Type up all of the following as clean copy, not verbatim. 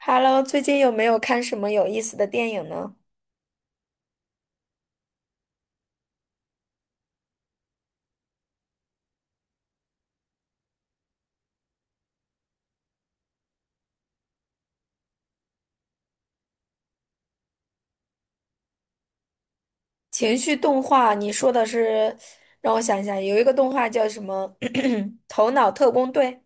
Hello，最近有没有看什么有意思的电影呢？情绪动画，你说的是，让我想一下，有一个动画叫什么？头脑特工队。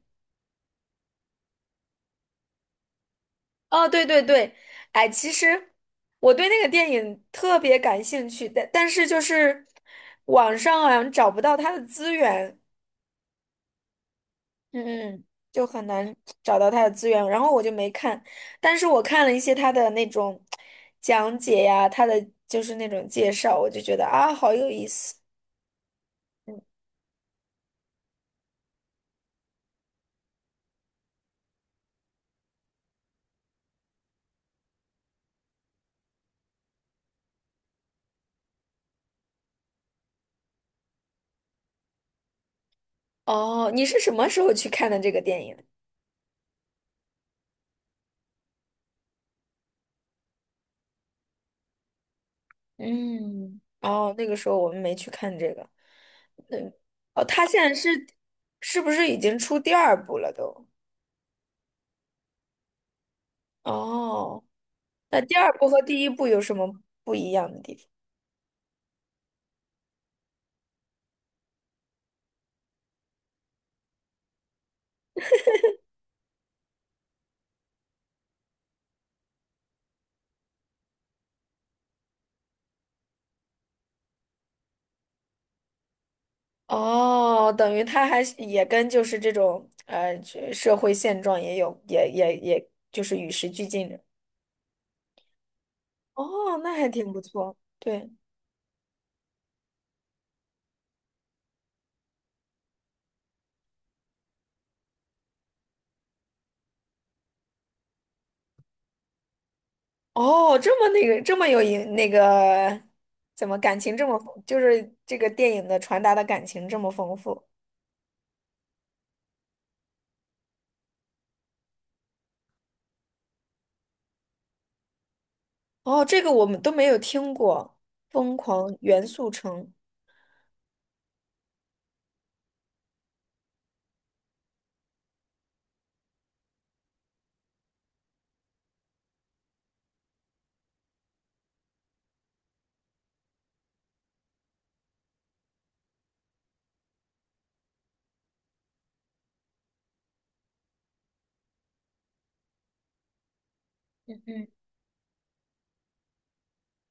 哦，对对对，哎，其实我对那个电影特别感兴趣，但是就是网上好像找不到它的资源，嗯嗯，就很难找到它的资源，然后我就没看，但是我看了一些它的那种讲解呀，它的就是那种介绍，我就觉得啊，好有意思。哦，你是什么时候去看的这个电影？嗯，哦，那个时候我们没去看这个。嗯，哦，他现在是是不是已经出第二部了都？哦，那第二部和第一部有什么不一样的地方？哦，等于他还是也跟就是这种这社会现状也有也就是与时俱进的。哦，那还挺不错。对。哦，这么那个，这么有影那个，怎么感情这么丰就是这个电影的传达的感情这么丰富。哦，这个我们都没有听过，《疯狂元素城》。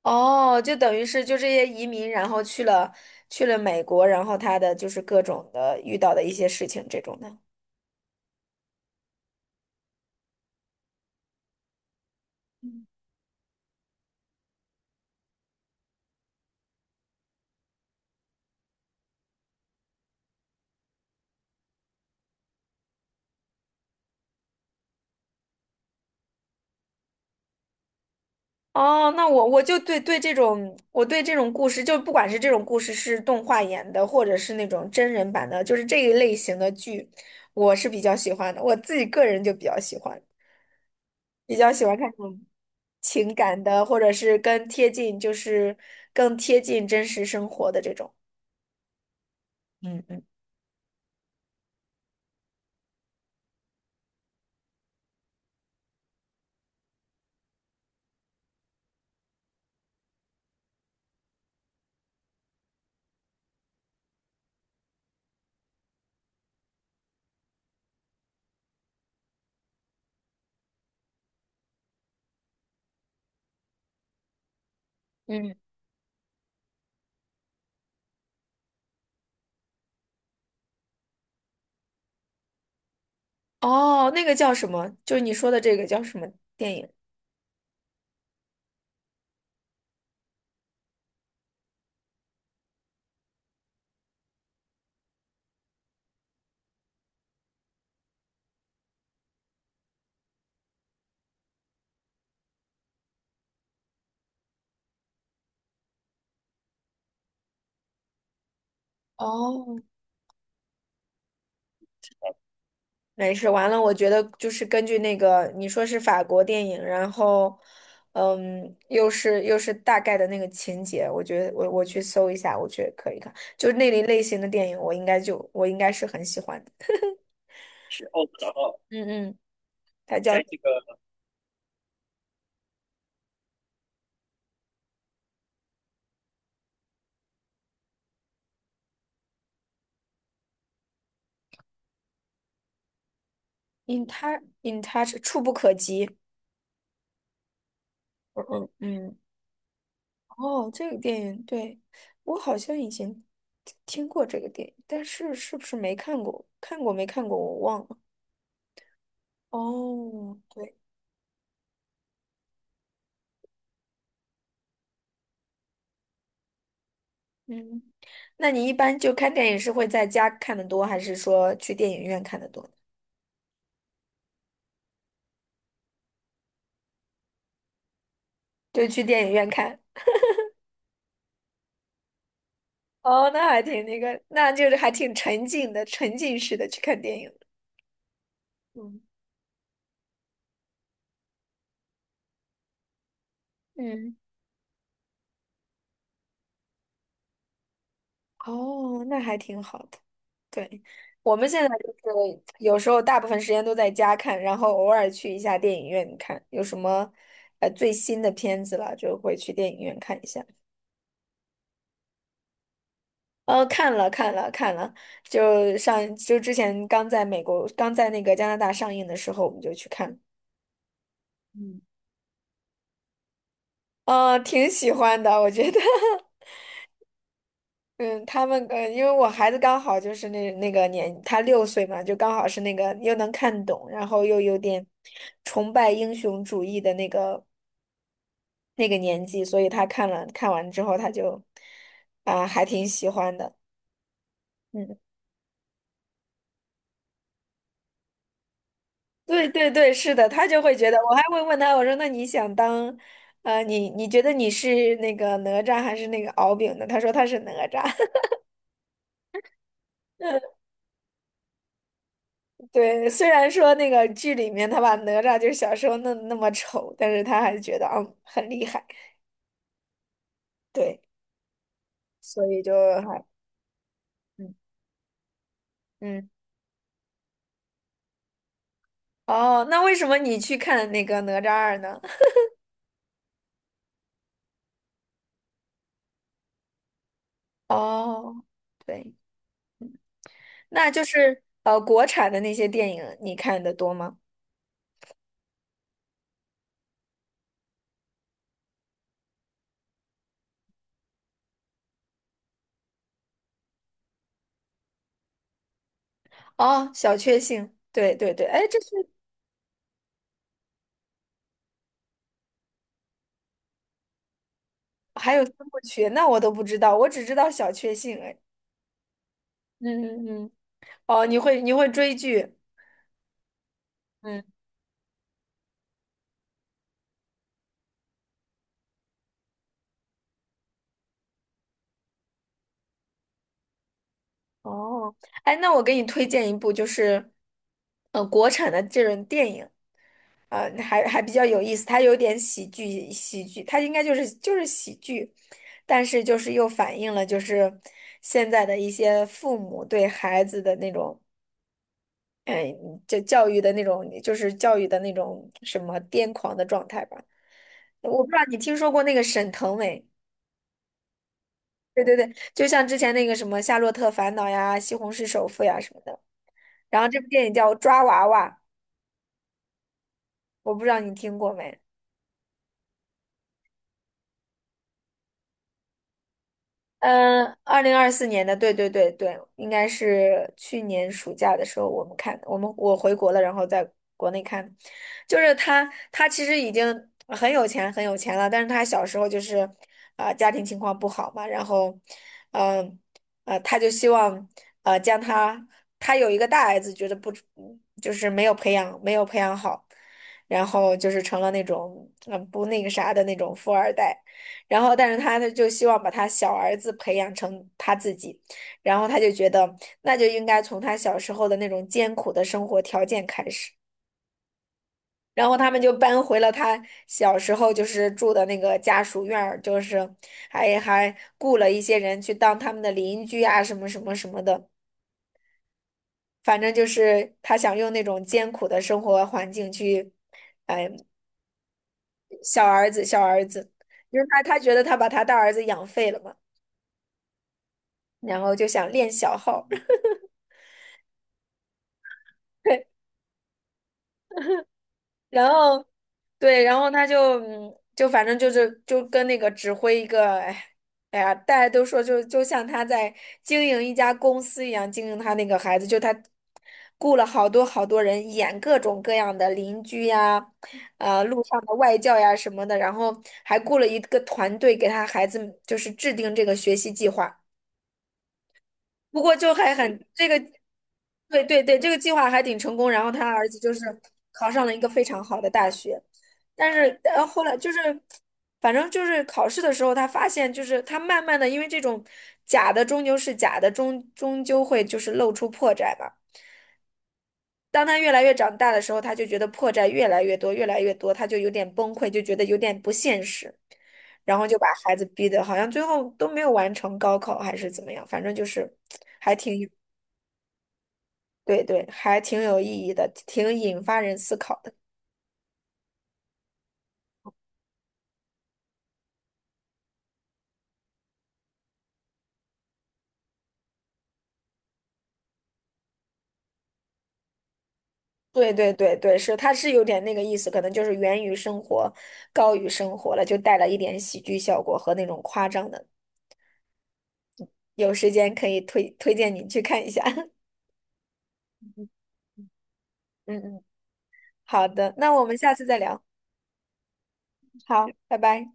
哦，就等于是就这些移民，然后去了美国，然后他的就是各种的遇到的一些事情这种的。哦，那我就对这种，我对这种故事，就不管是这种故事是动画演的，或者是那种真人版的，就是这一类型的剧，我是比较喜欢的。我自己个人就比较喜欢，比较喜欢看这种情感的，或者是更贴近，就是更贴近真实生活的这种。嗯嗯嗯。哦，那个叫什么？就是你说的这个叫什么电影？哦，没事，完了，我觉得就是根据那个你说是法国电影，然后，又是大概的那个情节，我觉得我去搜一下，我觉得可以看，就是那类型的电影，我应该是很喜欢的。是哦，我找到了，它叫在这个《In Touch In Touch》，触不可及。嗯嗯，哦，这个电影，对，我好像以前听过这个电影，但是是不是没看过？看过没看过？我忘了。哦，对。嗯，那你一般就看电影是会在家看的多，还是说去电影院看的多？就去电影院看。哦，那还挺那个，那就是还挺沉浸的，沉浸式的去看电影。嗯，嗯，哦，那还挺好的。对，我们现在就是有时候大部分时间都在家看，然后偶尔去一下电影院看，有什么最新的片子了，就会去电影院看一下。哦，看了看了看了，就之前刚在美国，刚在那个加拿大上映的时候，我们就去看，挺喜欢的，我觉得，嗯，他们因为我孩子刚好就是那那个年，他6岁嘛，就刚好是那个又能看懂，然后又有点崇拜英雄主义的那个年纪，所以他看完之后，他就还挺喜欢的。嗯。对对对，是的，他就会觉得，我还会问他，我说那你想当，你觉得你是那个哪吒还是那个敖丙呢？他说他是哪吒。嗯，对，虽然说那个剧里面他把哪吒就是小时候弄那么丑，但是他还觉得很厉害，对，所以就还，嗯嗯，哦，那为什么你去看那个哪吒二呢？哦，对，那就是国产的那些电影你看的多吗？哦，小确幸，对对对，哎，这是。还有三部曲，那我都不知道，我只知道小确幸。哎，嗯嗯嗯，哦，你会追剧，嗯，哦，哎，那我给你推荐一部，就是国产的这种电影，还比较有意思，它有点喜剧，它应该就是喜剧，但是就是又反映了就是现在的一些父母对孩子的那种，哎，就是教育的那种什么癫狂的状态吧。我不知道你听说过那个沈腾没？对对对，就像之前那个什么《夏洛特烦恼》呀，《西红柿首富》呀什么的。然后这部电影叫《抓娃娃》，我不知道你听过没？嗯，2024年的，对对对对，应该是去年暑假的时候我们看，我回国了，然后在国内看，就是他其实已经很有钱很有钱了，但是他小时候就是家庭情况不好嘛，然后嗯他就希望，呃将他他有一个大儿子，觉得不，就是没有培养好，然后就是成了那种不那个啥的那种富二代。然后，但是他呢就希望把他小儿子培养成他自己，然后他就觉得那就应该从他小时候的那种艰苦的生活条件开始。然后他们就搬回了他小时候就是住的那个家属院儿，就是还雇了一些人去当他们的邻居啊，什么什么什么的。反正就是他想用那种艰苦的生活环境去，小儿子小儿子，因为他觉得他把他大儿子养废了嘛，然后就想练小号儿。然后对，然后他就，就反正就是就跟那个指挥一个，哎，哎呀，大家都说就像他在经营一家公司一样经营他那个孩子，就他雇了好多好多人演各种各样的邻居呀，路上的外教呀什么的，然后还雇了一个团队给他孩子就是制定这个学习计划。不过就还很这个，对对对，这个计划还挺成功。然后他儿子就是考上了一个非常好的大学，但是后来就是，反正就是考试的时候，他发现就是他慢慢的，因为这种假的终究是假的，终究会就是露出破绽嘛。当他越来越长大的时候，他就觉得破绽越来越多，越来越多，他就有点崩溃，就觉得有点不现实，然后就把孩子逼得好像最后都没有完成高考还是怎么样，反正就是 还挺。对对，还挺有意义的，挺引发人思考的。对对对对，是，它是有点那个意思，可能就是源于生活，高于生活了，就带了一点喜剧效果和那种夸张的。有时间可以推荐你去看一下。嗯嗯，好的，那我们下次再聊。好，拜拜。